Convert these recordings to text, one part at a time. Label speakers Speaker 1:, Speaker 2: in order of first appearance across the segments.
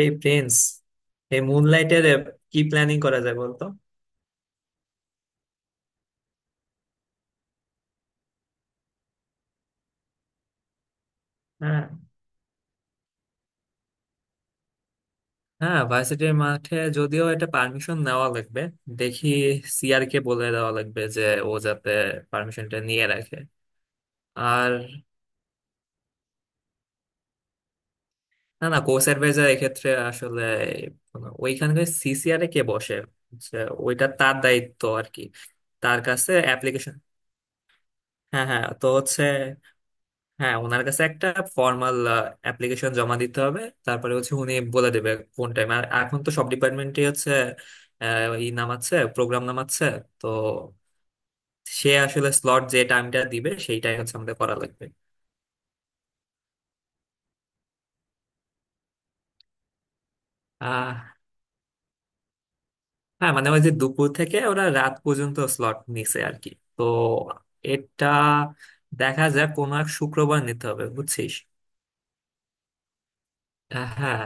Speaker 1: এই প্রিন্স, এই মুনলাইটের কি প্ল্যানিং করা যায় বলতো? হ্যাঁ হ্যাঁ, ভার্সিটির মাঠে, যদিও এটা পারমিশন নেওয়া লাগবে। দেখি, সিআর কে বলে দেওয়া লাগবে যে ও যাতে পারমিশনটা নিয়ে রাখে। আর না না, কোচ অ্যাডভাইজার এক্ষেত্রে আসলে ওইখানকার সিসিআর এ কে বসে, যে ওইটা তার দায়িত্ব আর কি। তার কাছে অ্যাপ্লিকেশন। হ্যাঁ হ্যাঁ, তো হচ্ছে, হ্যাঁ, ওনার কাছে একটা ফর্মাল অ্যাপ্লিকেশন জমা দিতে হবে। তারপরে হচ্ছে উনি বলে দেবে কোন টাইম। আর এখন তো সব ডিপার্টমেন্টই হচ্ছে ই নামাচ্ছে, প্রোগ্রাম নামাচ্ছে। তো সে আসলে স্লট যে টাইমটা দিবে সেইটাই হচ্ছে আমাদের করা লাগবে। আহ হ্যাঁ, মানে ওই যে দুপুর থেকে ওরা রাত পর্যন্ত স্লট নিছে আর কি। তো এটা দেখা যায় কোনো এক শুক্রবার নিতে হবে, বুঝছিস। হ্যাঁ।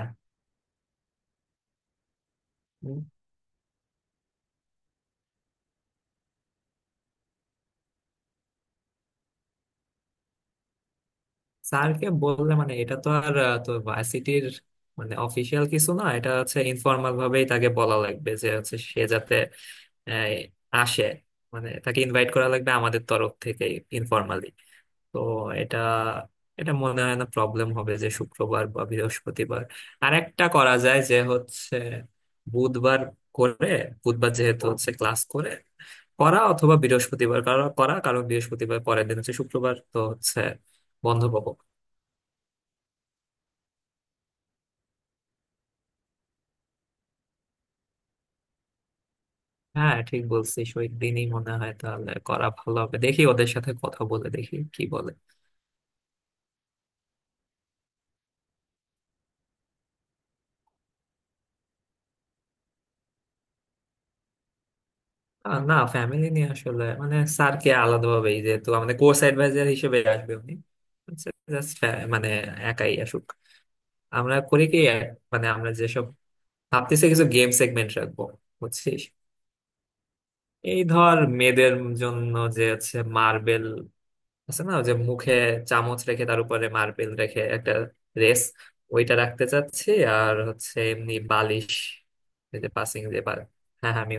Speaker 1: স্যারকে বললে মানে এটা তো আর তো ভার্সিটির মানে অফিসিয়াল কিছু না, এটা হচ্ছে ইনফর্মাল ভাবেই তাকে বলা লাগবে যে হচ্ছে সে যাতে আহ, আসে। মানে তাকে ইনভাইট করা লাগবে আমাদের তরফ থেকে ইনফর্মালি। তো এটা, এটা মনে হয় না প্রবলেম হবে, যে শুক্রবার বা বৃহস্পতিবার। আর একটা করা যায় যে হচ্ছে বুধবার করে, বুধবার যেহেতু হচ্ছে ক্লাস করে করা, অথবা বৃহস্পতিবার করা করা, কারণ বৃহস্পতিবার পরের দিন হচ্ছে শুক্রবার, তো হচ্ছে বন্ধ পাবো। হ্যাঁ ঠিক বলছিস, ওই দিনই মনে হয় তাহলে করা ভালো হবে। দেখি ওদের সাথে কথা বলে, দেখি কি বলে। না, ফ্যামিলি নিয়ে আসলে মানে স্যারকে আলাদাভাবে, যেহেতু আমাদের কোর্স অ্যাডভাইজার হিসেবে আসবে উনি। মানে একাই আসুক। আমরা করি কি মানে, আমরা যেসব ভাবতেছি, কিছু গেম সেগমেন্ট রাখবো, বুঝছিস। এই ধর মেয়েদের জন্য যে আছে মার্বেল, আছে না, যে মুখে চামচ রেখে তার উপরে মার্বেল রেখে একটা রেস, ওইটা রাখতে চাচ্ছি। আর হচ্ছে এমনি বালিশ, এই যে পাসিং যে হ্যাঁ হ্যাঁ আমি।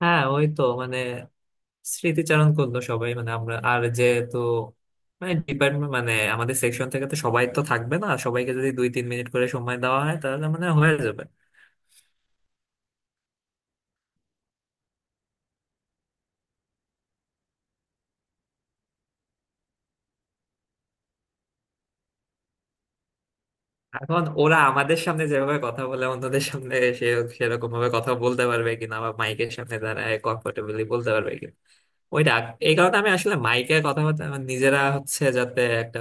Speaker 1: হ্যাঁ ওই তো, মানে স্মৃতিচারণ করলো সবাই, মানে আমরা, আর যেহেতু মানে ডিপার্টমেন্ট মানে আমাদের সেকশন থেকে তো সবাই তো থাকবে না, সবাইকে যদি 2-3 মিনিট করে সময় দেওয়া হয় তাহলে মানে হয়ে যাবে। এখন ওরা আমাদের সামনে যেভাবে কথা বলে, অন্যদের সামনে সে সেরকম ভাবে কথা বলতে পারবে কিনা, বা মাইকের সামনে দাঁড়ায় কমফোর্টেবলি বলতে পারবে ওইটা। এই কারণে আমি আসলে মাইকের কথা বলতে আমার নিজেরা হচ্ছে, যাতে একটা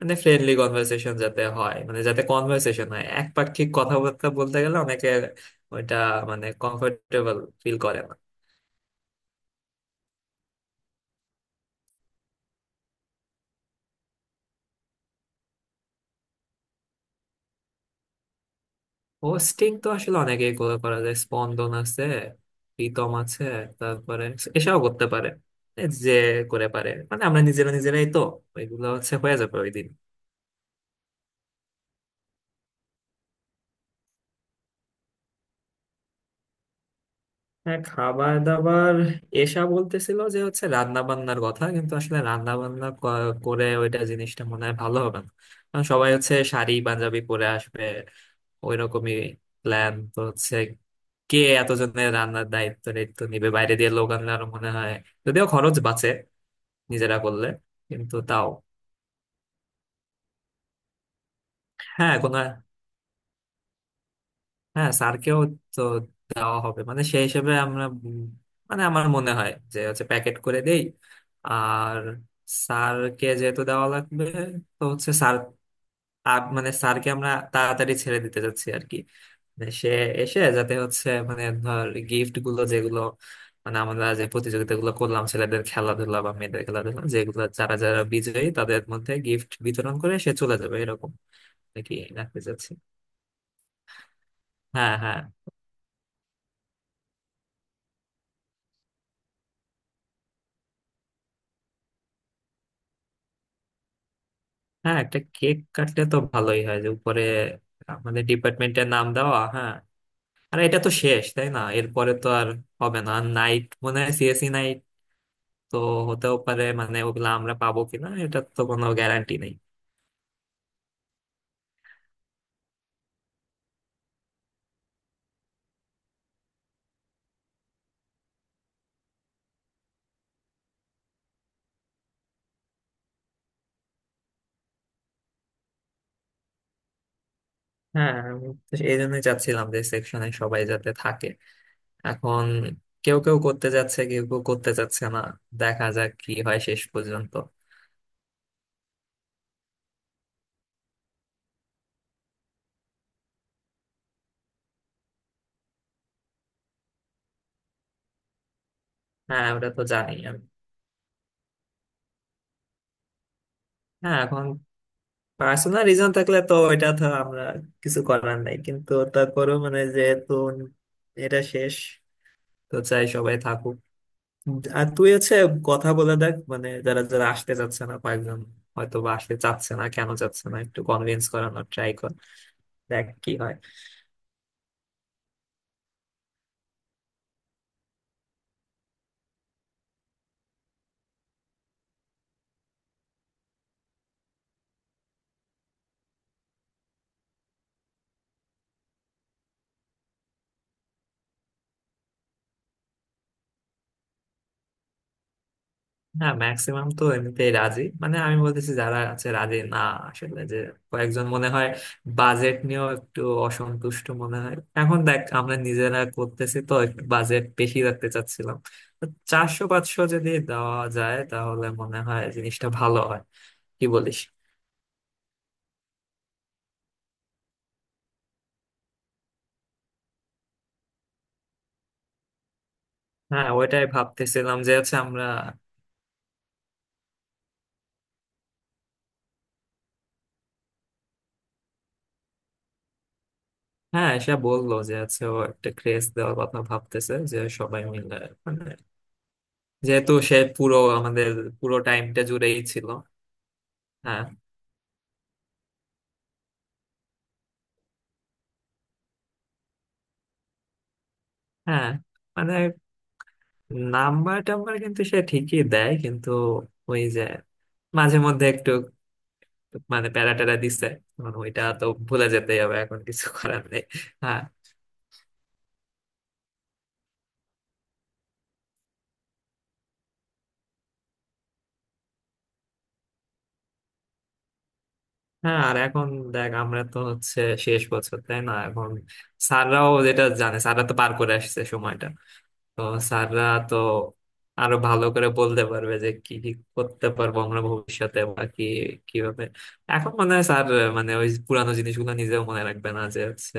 Speaker 1: মানে ফ্রেন্ডলি কনভারসেশন যাতে হয়, মানে যাতে কনভারসেশন হয়, একপাক্ষিক কথাবার্তা বলতে গেলে অনেকে ওইটা মানে কমফোর্টেবল ফিল করে না। হোস্টিং তো আসলে অনেকেই করে, করা যায়, স্পন্দন আছে, প্রীতম আছে, তারপরে এসবও করতে পারে, এ যে করে পারে। মানে আমরা নিজেরা নিজেরাই তো ওইগুলো হচ্ছে হয়ে যাবে ওই দিন। হ্যাঁ খাবার দাবার, এসা বলতেছিল যে হচ্ছে রান্না বান্নার কথা, কিন্তু আসলে রান্না বান্না করে, ওইটা জিনিসটা মনে হয় ভালো হবে না। কারণ সবাই হচ্ছে শাড়ি পাঞ্জাবি পরে আসবে, ওইরকমই প্ল্যান তো হচ্ছে। কে এতজনের রান্নার দায়িত্ব দায়িত্ব নিবে? বাইরে দিয়ে লোক আনলে আরো মনে হয়, যদিও খরচ বাঁচে নিজেরা করলে, কিন্তু তাও। হ্যাঁ কোনো, হ্যাঁ স্যারকেও তো দেওয়া হবে মানে সেই হিসেবে আমরা মানে আমার মনে হয় যে হচ্ছে প্যাকেট করে দেই। আর স্যারকে যেহেতু দেওয়া লাগবে, তো হচ্ছে স্যার মানে স্যারকে আমরা তাড়াতাড়ি ছেড়ে দিতে যাচ্ছি আর কি। মানে সে এসে যাতে হচ্ছে মানে ধর গিফট গুলো যেগুলো, মানে আমরা যে প্রতিযোগিতা গুলো করলাম ছেলেদের খেলাধুলা বা মেয়েদের খেলাধুলা, যেগুলো যারা যারা বিজয়ী তাদের মধ্যে গিফট বিতরণ করে সে চলে যাবে, এরকম নাকি রাখতে চাচ্ছি। হ্যাঁ হ্যাঁ হ্যাঁ, একটা কেক কাটলে তো ভালোই হয়, যে উপরে আমাদের ডিপার্টমেন্টের নাম দেওয়া। হ্যাঁ আর এটা তো শেষ, তাই না, এরপরে তো আর হবে না নাইট, মনে হয় সিএসি নাইট তো হতেও পারে, মানে ওগুলো আমরা পাবো কিনা এটা তো কোনো গ্যারান্টি নেই। হ্যাঁ আমি তো এই জন্যই চাচ্ছিলাম যে সেকশনে সবাই যাতে থাকে। এখন কেউ কেউ করতে যাচ্ছে, কেউ কেউ করতে যাচ্ছে না। দেখা যাক কি হয় শেষ পর্যন্ত। হ্যাঁ ওটা তো জানি আমি। হ্যাঁ এখন পার্সোনাল রিজন থাকলে তো এটা তো আমরা কিছু করার নাই, কিন্তু তারপরেও মানে যেহেতু এটা শেষ, তো চাই সবাই থাকুক। আর তুই হচ্ছে কথা বলে দেখ, মানে যারা যারা আসতে চাচ্ছে না, কয়েকজন হয়তো বা আসতে চাচ্ছে না, কেন চাচ্ছে না একটু কনভিন্স করানোর ট্রাই কর, দেখ কি হয়। হ্যাঁ ম্যাক্সিমাম তো এমনিতেই রাজি, মানে আমি বলতেছি যারা আছে রাজি না আসলে, যে কয়েকজন মনে হয় বাজেট নিয়েও একটু অসন্তুষ্ট মনে হয়। এখন দেখ আমরা নিজেরা করতেছি, তো একটু বাজেট বেশি রাখতে চাচ্ছিলাম, তো 400-500 যদি দেওয়া যায় তাহলে মনে হয় জিনিসটা ভালো হয়, কি বলিস? হ্যাঁ ওইটাই ভাবতেছিলাম যে হচ্ছে আমরা, হ্যাঁ এসে বললো যে হচ্ছে ও একটা ক্রেজ দেওয়ার কথা ভাবতেছে যে সবাই মিলে, মানে যেহেতু সে পুরো আমাদের পুরো টাইমটা জুড়েই ছিল। হ্যাঁ হ্যাঁ, মানে নাম্বার টাম্বার কিন্তু সে ঠিকই দেয়, কিন্তু ওই যে মাঝে মধ্যে একটু মানে প্যারা ট্যারা দিচ্ছে, মানে ওইটা তো ভুলে যেতেই হবে, এখন কিছু করার নেই। হ্যাঁ হ্যাঁ আর এখন দেখ আমরা তো হচ্ছে শেষ বছর, তাই না। এখন স্যাররাও যেটা জানে, স্যাররা তো পার করে আসছে সময়টা, তো স্যাররা তো আরো ভালো করে বলতে পারবে যে কি কি করতে পারবো আমরা ভবিষ্যতে, বা কি কিভাবে। এখন মনে হয় স্যার মানে ওই পুরানো জিনিসগুলো নিজেও মনে রাখবে না, যে হচ্ছে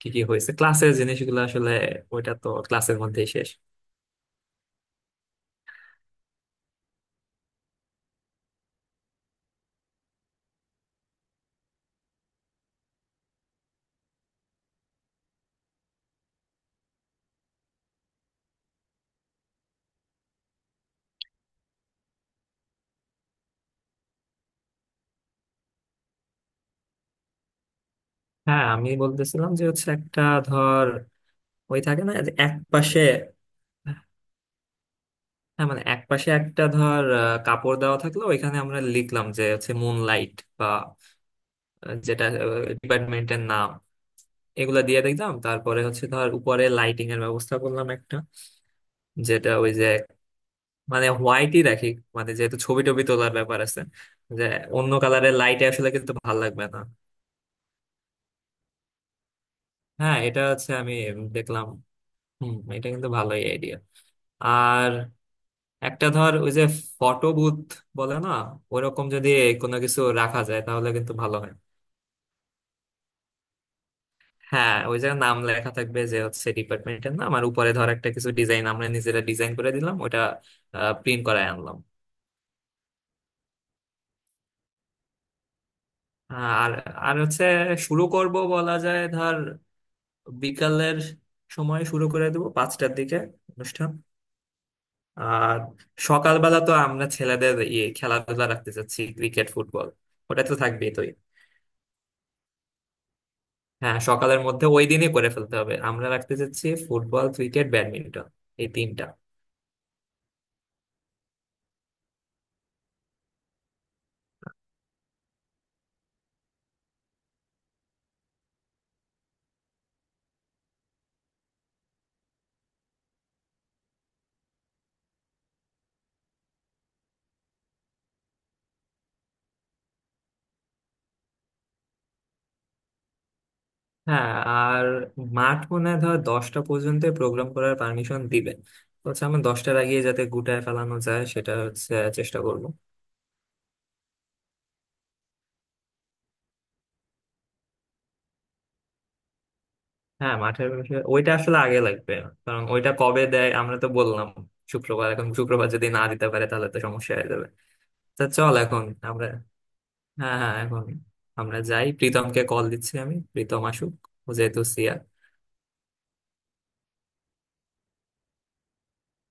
Speaker 1: কি কি হয়েছে ক্লাসের জিনিসগুলো আসলে, ওইটা তো ক্লাসের মধ্যেই শেষ। হ্যাঁ আমি বলতেছিলাম যে হচ্ছে একটা ধর ওই থাকে না যে এক পাশে। হ্যাঁ মানে এক পাশে একটা ধর কাপড় দেওয়া থাকলো, ওইখানে আমরা লিখলাম যে হচ্ছে মুন লাইট, বা যেটা ডিপার্টমেন্টের নাম, এগুলা দিয়ে দেখলাম। তারপরে হচ্ছে ধর উপরে লাইটিং এর ব্যবস্থা করলাম একটা, যেটা ওই যে, মানে হোয়াইটই রাখি, মানে যেহেতু ছবি টবি তোলার ব্যাপার আছে, যে অন্য কালারের লাইটে আসলে কিন্তু ভালো লাগবে না। হ্যাঁ এটা হচ্ছে আমি দেখলাম, হম এটা কিন্তু ভালোই আইডিয়া। আর একটা ধর ওই যে ফটো বুথ বলে না, ওরকম যদি কোনো কিছু রাখা যায় তাহলে কিন্তু ভালো হয়। হ্যাঁ ওই জায়গায় নাম লেখা থাকবে যে হচ্ছে ডিপার্টমেন্টের নাম, আর উপরে ধর একটা কিছু ডিজাইন আমরা নিজেরা ডিজাইন করে দিলাম, ওটা প্রিন্ট করায় আনলাম। আর, আর হচ্ছে শুরু করব বলা যায় ধর বিকালের সময়, শুরু করে দেবো 5টার দিকে অনুষ্ঠান। আর সকালবেলা তো আমরা ছেলেদের ইয়ে খেলাধুলা রাখতে চাচ্ছি, ক্রিকেট ফুটবল। ওটা তো থাকবেই তো, হ্যাঁ সকালের মধ্যে ওই দিনই করে ফেলতে হবে। আমরা রাখতে চাচ্ছি ফুটবল ক্রিকেট ব্যাডমিন্টন, এই 3টা। হ্যাঁ আর মাঠ মনে হয় ধর 10টা পর্যন্ত প্রোগ্রাম করার পারমিশন দিবে, হচ্ছে আমরা 10টার আগে যাতে গুটায় ফেলানো যায় সেটা হচ্ছে চেষ্টা করব। হ্যাঁ মাঠের বিষয়ে ওইটা আসলে আগে লাগবে, কারণ ওইটা কবে দেয় আমরা তো বললাম শুক্রবার, এখন শুক্রবার যদি না দিতে পারে তাহলে তো সমস্যা হয়ে যাবে। তা চল এখন আমরা, হ্যাঁ হ্যাঁ এখন আমরা যাই, প্রীতমকে কল দিচ্ছি আমি, প্রীতম আসুক, ও যেহেতু